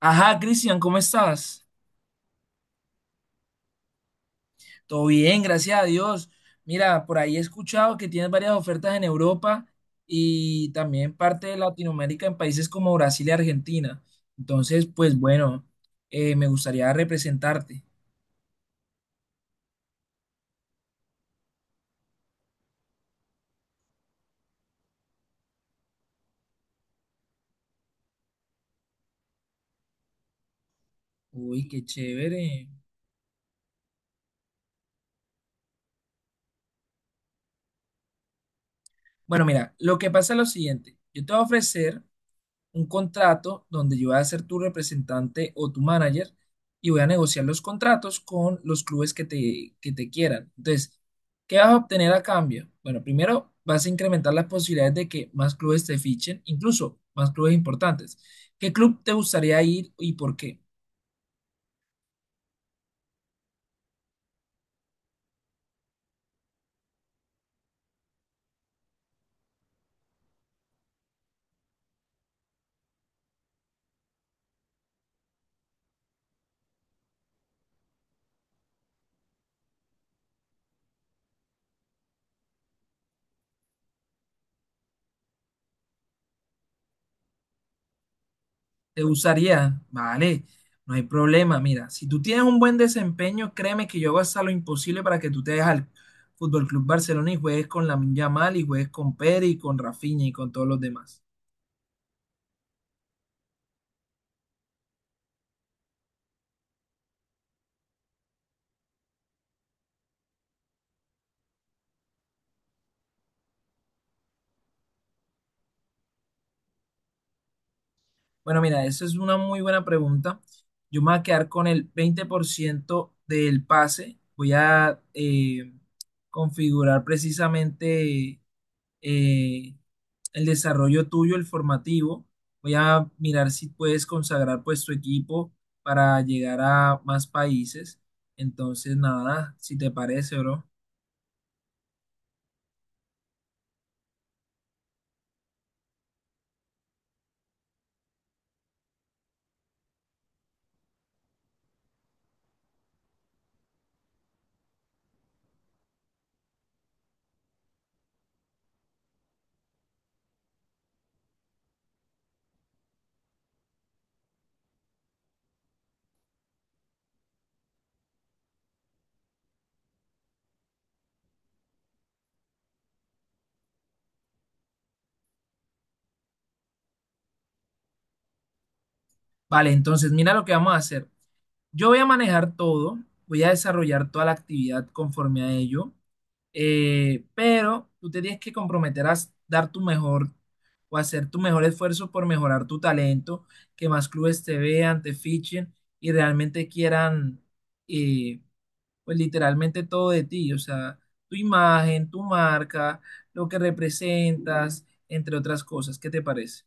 Ajá, Cristian, ¿cómo estás? Todo bien, gracias a Dios. Mira, por ahí he escuchado que tienes varias ofertas en Europa y también parte de Latinoamérica en países como Brasil y Argentina. Entonces, pues bueno, me gustaría representarte. Uy, qué chévere. Bueno, mira, lo que pasa es lo siguiente. Yo te voy a ofrecer un contrato donde yo voy a ser tu representante o tu manager y voy a negociar los contratos con los clubes que te quieran. Entonces, ¿qué vas a obtener a cambio? Bueno, primero vas a incrementar las posibilidades de que más clubes te fichen, incluso más clubes importantes. ¿Qué club te gustaría ir y por qué? Te usaría, vale, no hay problema. Mira, si tú tienes un buen desempeño, créeme que yo hago hasta lo imposible para que tú te dejes al Fútbol Club Barcelona y juegues con Lamine Yamal y juegues con Pedri y con Rafinha y con todos los demás. Bueno, mira, esa es una muy buena pregunta. Yo me voy a quedar con el 20% del pase. Voy a configurar precisamente, eh, el desarrollo tuyo, el formativo. Voy a mirar si puedes consagrar pues tu equipo para llegar a más países. Entonces, nada, si te parece, bro. Vale, entonces mira lo que vamos a hacer. Yo voy a manejar todo, voy a desarrollar toda la actividad conforme a ello, pero tú te tienes que comprometer a dar tu mejor o hacer tu mejor esfuerzo por mejorar tu talento, que más clubes te vean, te fichen y realmente quieran, eh, pues literalmente todo de ti, o sea, tu imagen, tu marca, lo que representas, entre otras cosas. ¿Qué te parece?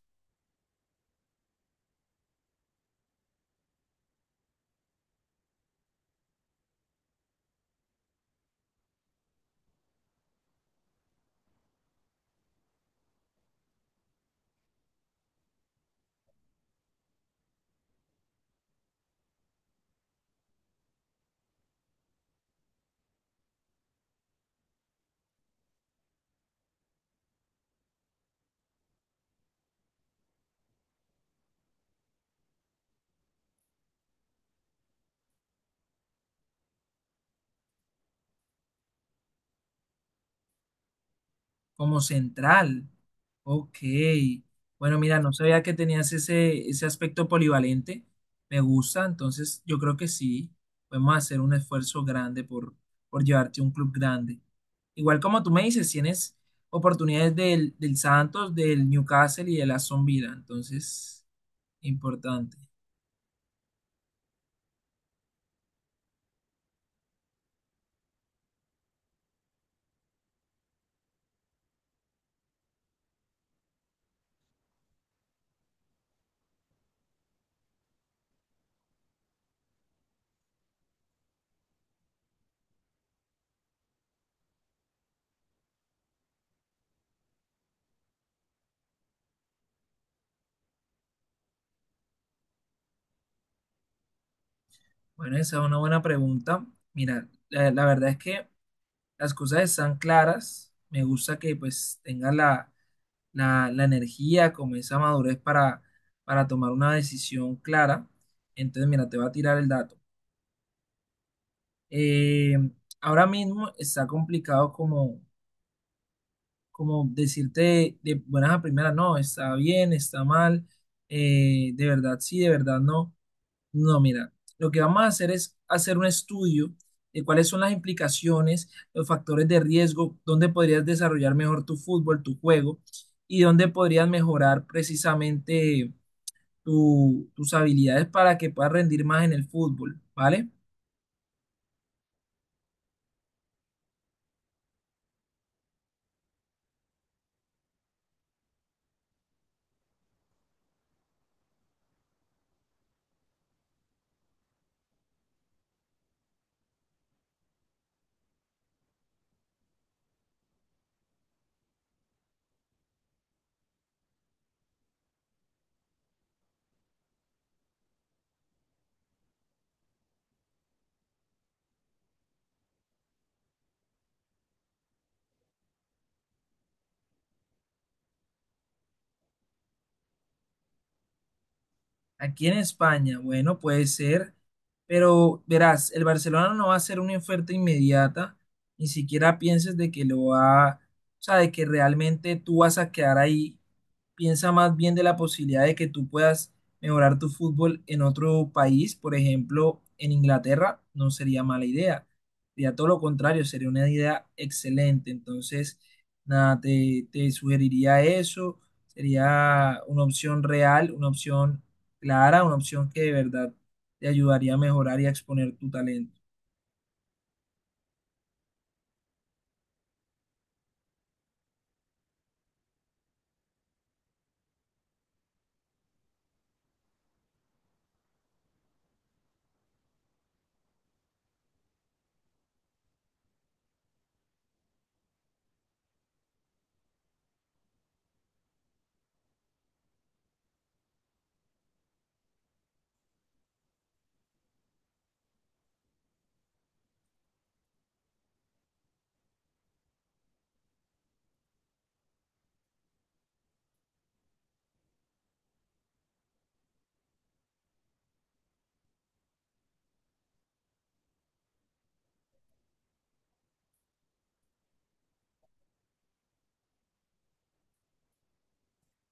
Como central. Ok. Bueno, mira, no sabía que tenías ese aspecto polivalente. Me gusta, entonces yo creo que sí. Podemos hacer un esfuerzo grande por llevarte a un club grande. Igual como tú me dices, tienes oportunidades del Santos, del Newcastle y del Aston Villa. Entonces, importante. Bueno, esa es una buena pregunta. Mira, la verdad es que las cosas están claras. Me gusta que pues tengas la la energía, como esa madurez para tomar una decisión clara. Entonces, mira, te voy a tirar el dato. Eh, Ahora mismo está complicado como decirte de buenas a primeras, no, está bien, está mal, de verdad sí, de verdad no. No, mira, lo que vamos a hacer es hacer un estudio de cuáles son las implicaciones, los factores de riesgo, dónde podrías desarrollar mejor tu fútbol, tu juego, y dónde podrías mejorar precisamente tus habilidades para que puedas rendir más en el fútbol, ¿vale? Aquí en España, bueno, puede ser, pero verás, el Barcelona no va a hacer una oferta inmediata, ni siquiera pienses de que lo va, o sea, de que realmente tú vas a quedar ahí, piensa más bien de la posibilidad de que tú puedas mejorar tu fútbol en otro país, por ejemplo, en Inglaterra, no sería mala idea. Sería todo lo contrario, sería una idea excelente. Entonces, nada, te sugeriría eso. Sería una opción real, una opción clara, una opción que de verdad te ayudaría a mejorar y a exponer tu talento.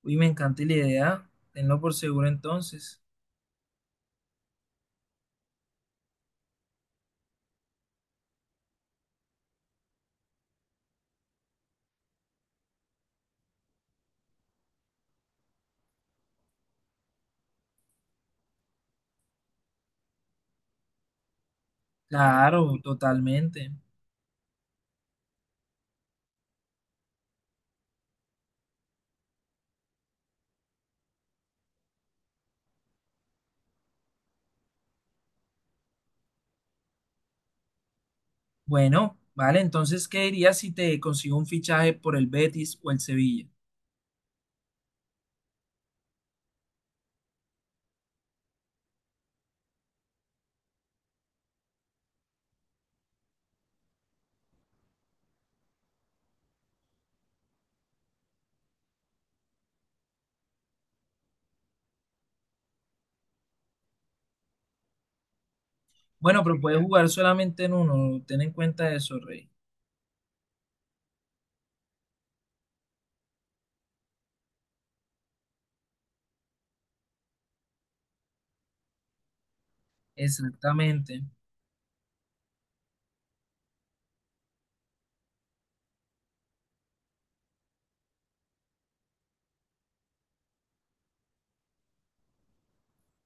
Uy, me encanta la idea. Tenlo por seguro entonces. Claro, totalmente. Bueno, vale, entonces, ¿qué dirías si te consigo un fichaje por el Betis o el Sevilla? Bueno, pero puedes jugar solamente en uno, ten en cuenta eso, Rey. Exactamente.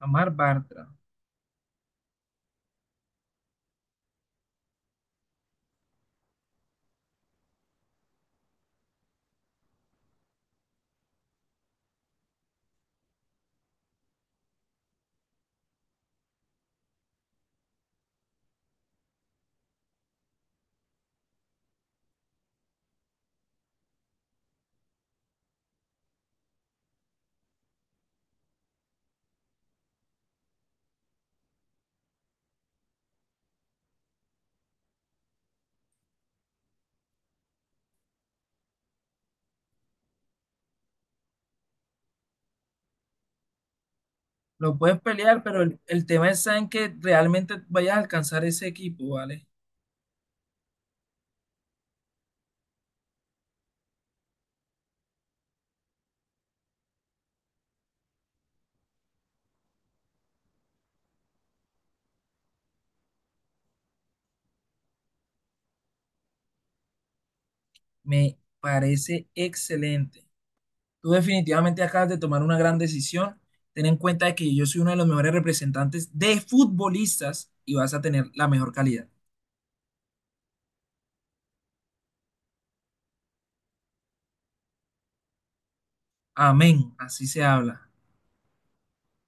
Amar Bartra. Lo puedes pelear, pero el tema es en que realmente vayas a alcanzar ese equipo, ¿vale? Me parece excelente. Tú definitivamente acabas de tomar una gran decisión. Ten en cuenta de que yo soy uno de los mejores representantes de futbolistas y vas a tener la mejor calidad. Amén, así se habla.